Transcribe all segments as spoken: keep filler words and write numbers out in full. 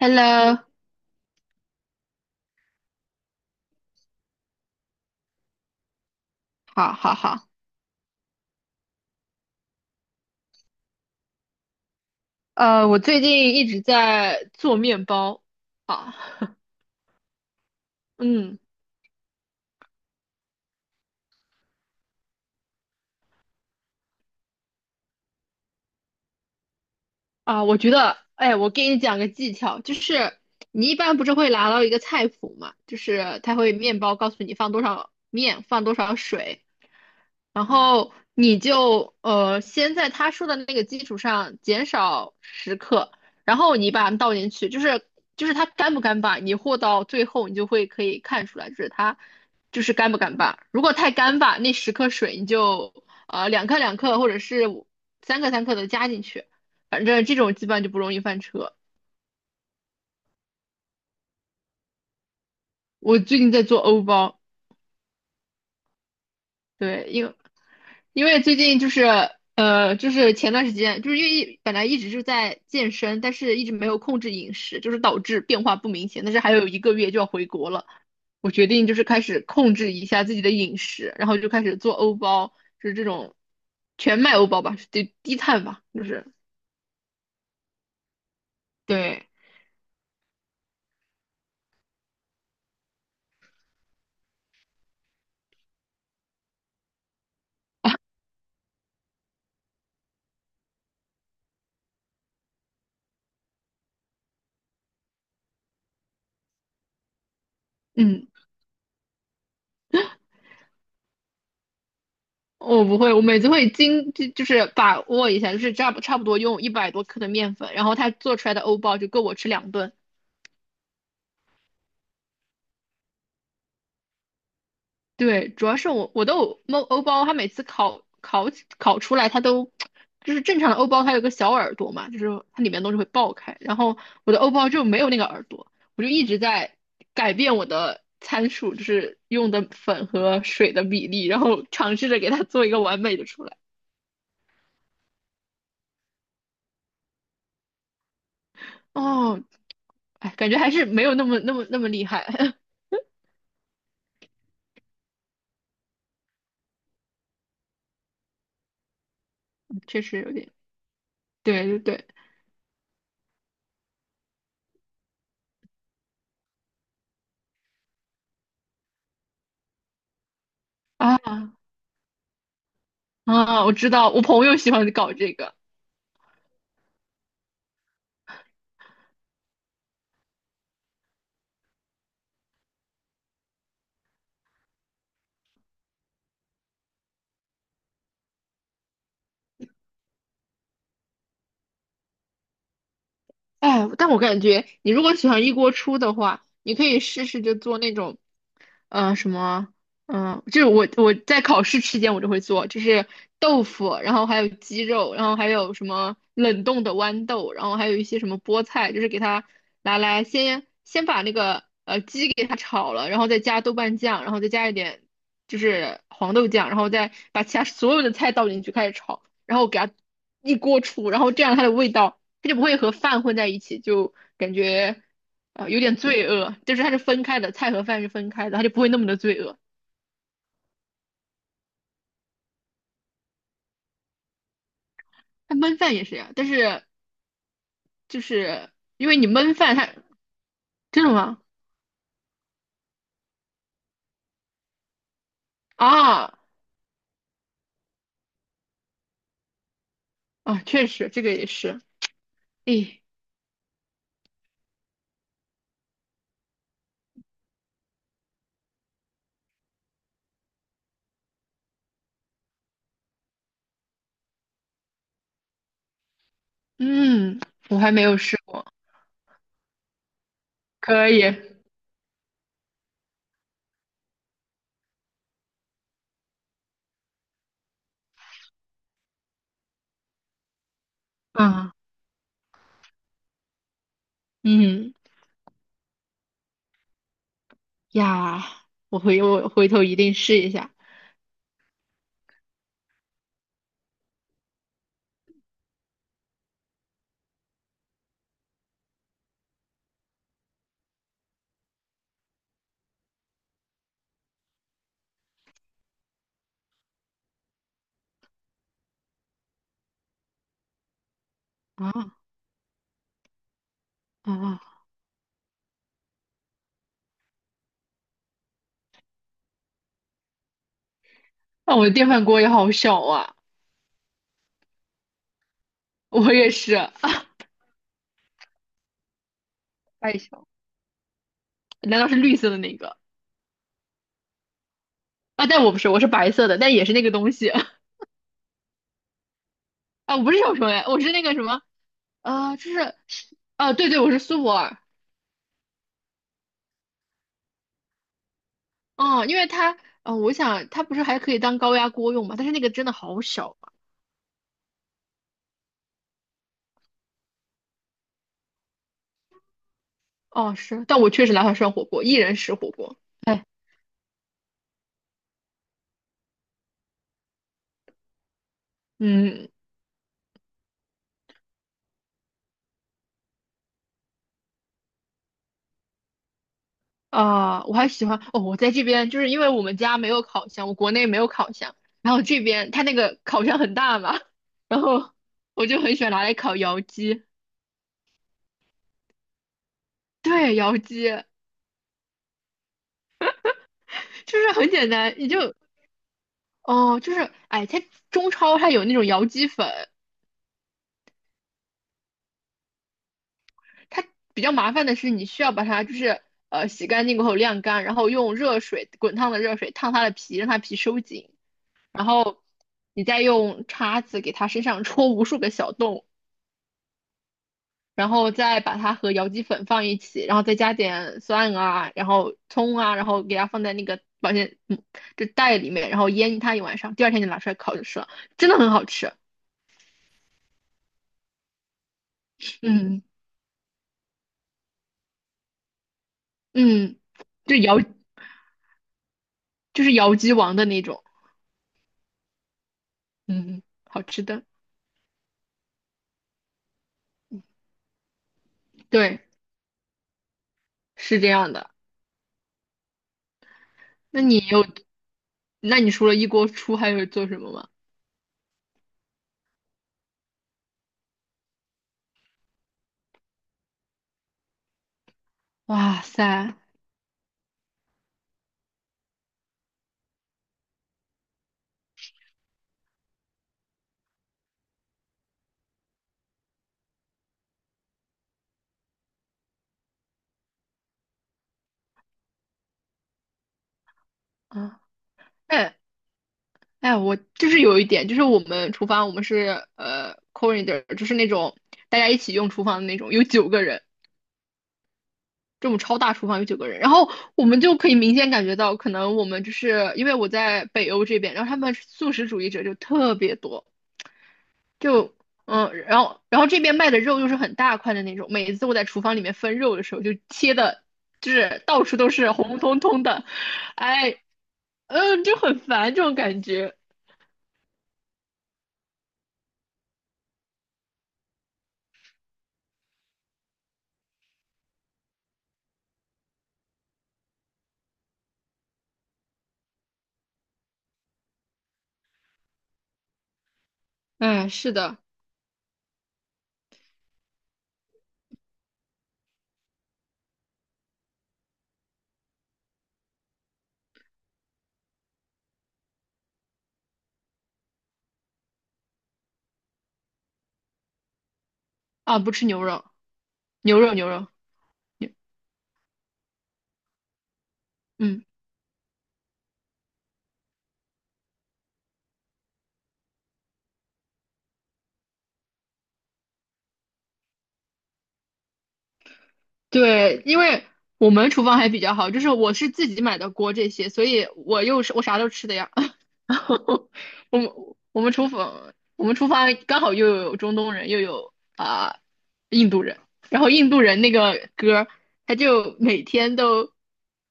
Hello，好，好，好，呃，我最近一直在做面包。好。嗯。啊，我觉得，哎，我给你讲个技巧，就是你一般不是会拿到一个菜谱嘛，就是它会面包告诉你放多少面，放多少水，然后你就呃先在他说的那个基础上减少十克，然后你把它们倒进去，就是就是它干不干巴，你和到最后你就会可以看出来，就是它就是干不干巴。如果太干巴，那十克水你就呃两克两克或者是五三克三克的加进去。反正这种基本上就不容易翻车。我最近在做欧包。对，因为因为最近就是呃，就是前段时间，就是因为一本来一直是在健身，但是一直没有控制饮食，就是导致变化不明显。但是还有一个月就要回国了，我决定就是开始控制一下自己的饮食，然后就开始做欧包，就是这种全麦欧包吧，低低碳吧，就是对，嗯。我不会，我每次会精就就是把握一下，就是差不差不多用一百多克的面粉，然后它做出来的欧包就够我吃两顿。对，主要是我我的欧欧包，它每次烤烤烤出来，它都就是正常的欧包，它有个小耳朵嘛，就是它里面的东西会爆开，然后我的欧包就没有那个耳朵，我就一直在改变我的参数，就是用的粉和水的比例，然后尝试着给它做一个完美的出来。哦，哎，感觉还是没有那么那么那么厉害。确实有点，对对对。啊啊，我知道，我朋友喜欢搞这个。哎，但我感觉你如果喜欢一锅出的话，你可以试试就做那种呃什么，嗯、就是我我在考试期间我就会做，就是豆腐，然后还有鸡肉，然后还有什么冷冻的豌豆，然后还有一些什么菠菜，就是给它拿来先先把那个呃鸡给它炒了，然后再加豆瓣酱，然后再加一点就是黄豆酱，然后再把其他所有的菜倒进去开始炒，然后给它一锅出，然后这样它的味道它就不会和饭混在一起，就感觉。啊，有点罪恶，就是它是分开的，菜和饭是分开的，它就不会那么的罪恶。它焖饭也是呀，但是就是因为你焖饭它，真的吗？啊啊，确实这个也是。诶，嗯，我还没有试过。可以。啊，嗯呀，我回我回头一定试一下。啊啊！那我的电饭锅也好小啊。我也是，太小。难道是绿色的那个？啊，但我不是，我是白色的，但也是那个东西。啊，我不是小熊哎，我是那个什么啊，就是啊，对对，我是苏泊尔。嗯，因为它，嗯，我想它不是还可以当高压锅用嘛，但是那个真的好小啊。哦，是，但我确实拿它涮火锅，一人食火锅。哎，嗯。啊，我还喜欢，哦，我在这边就是因为我们家没有烤箱，我国内没有烤箱，然后这边它那个烤箱很大嘛，然后我就很喜欢拿来烤窑鸡。对，窑鸡就是很简单，你就。哦，就是，哎，它中超它有那种窑鸡粉。它比较麻烦的是，你需要把它就是呃洗干净过后晾干，然后用热水滚烫的热水烫它的皮，让它皮收紧，然后你再用叉子给它身上戳无数个小洞，然后再把它和摇鸡粉放一起，然后再加点蒜啊，然后葱啊，然后给它放在那个保鲜嗯就袋里面，然后腌它一晚上，第二天就拿出来烤就吃了，真的很好吃。嗯嗯，就摇就是摇鸡王的那种，嗯，好吃的。对。是这样的。那你有，那你除了一锅出，还有做什么吗？哇塞，啊，哎哎，我就是有一点，就是我们厨房，我们是呃 corridor，就是那种大家一起用厨房的那种，有九个人。这种超大厨房有九个人，然后我们就可以明显感觉到，可能我们就是因为我在北欧这边，然后他们素食主义者就特别多。就嗯，然后然后这边卖的肉又是很大块的那种，每次我在厨房里面分肉的时候，就切的，就是到处都是红彤彤的。哎，嗯，就很烦这种感觉。哎，是的。啊，不吃牛肉。牛肉牛肉。嗯。对，因为我们厨房还比较好，就是我是自己买的锅这些，所以我又是我啥都吃的呀。我们我们厨房我们厨房刚好又有中东人，又有啊、印度人，然后印度人那个哥儿他就每天都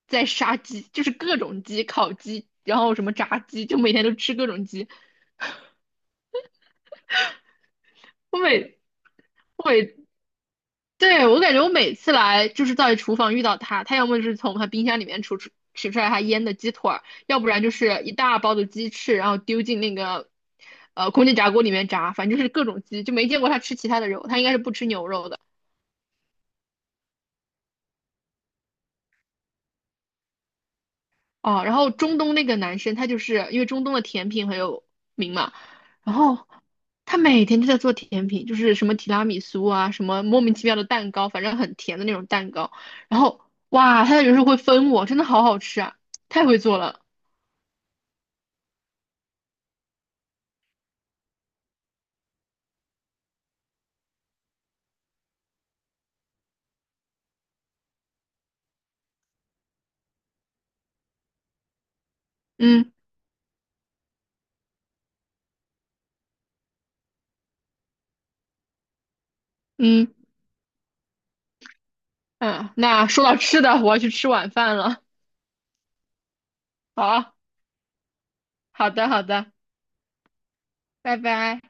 在杀鸡，就是各种鸡、烤鸡，然后什么炸鸡，就每天都吃各种鸡。我每我每对，我感觉我每次来就是在厨房遇到他，他要么就是从他冰箱里面取出取出来他腌的鸡腿儿，要不然就是一大包的鸡翅，然后丢进那个呃空气炸锅里面炸，反正就是各种鸡，就没见过他吃其他的肉，他应该是不吃牛肉的。哦，然后中东那个男生，他就是因为中东的甜品很有名嘛，然后他每天都在做甜品，就是什么提拉米苏啊，什么莫名其妙的蛋糕，反正很甜的那种蛋糕。然后哇，他有时候会分我，真的好好吃啊，太会做了。嗯嗯嗯，那说到吃的，我要去吃晚饭了。好啊，好的好的，拜拜。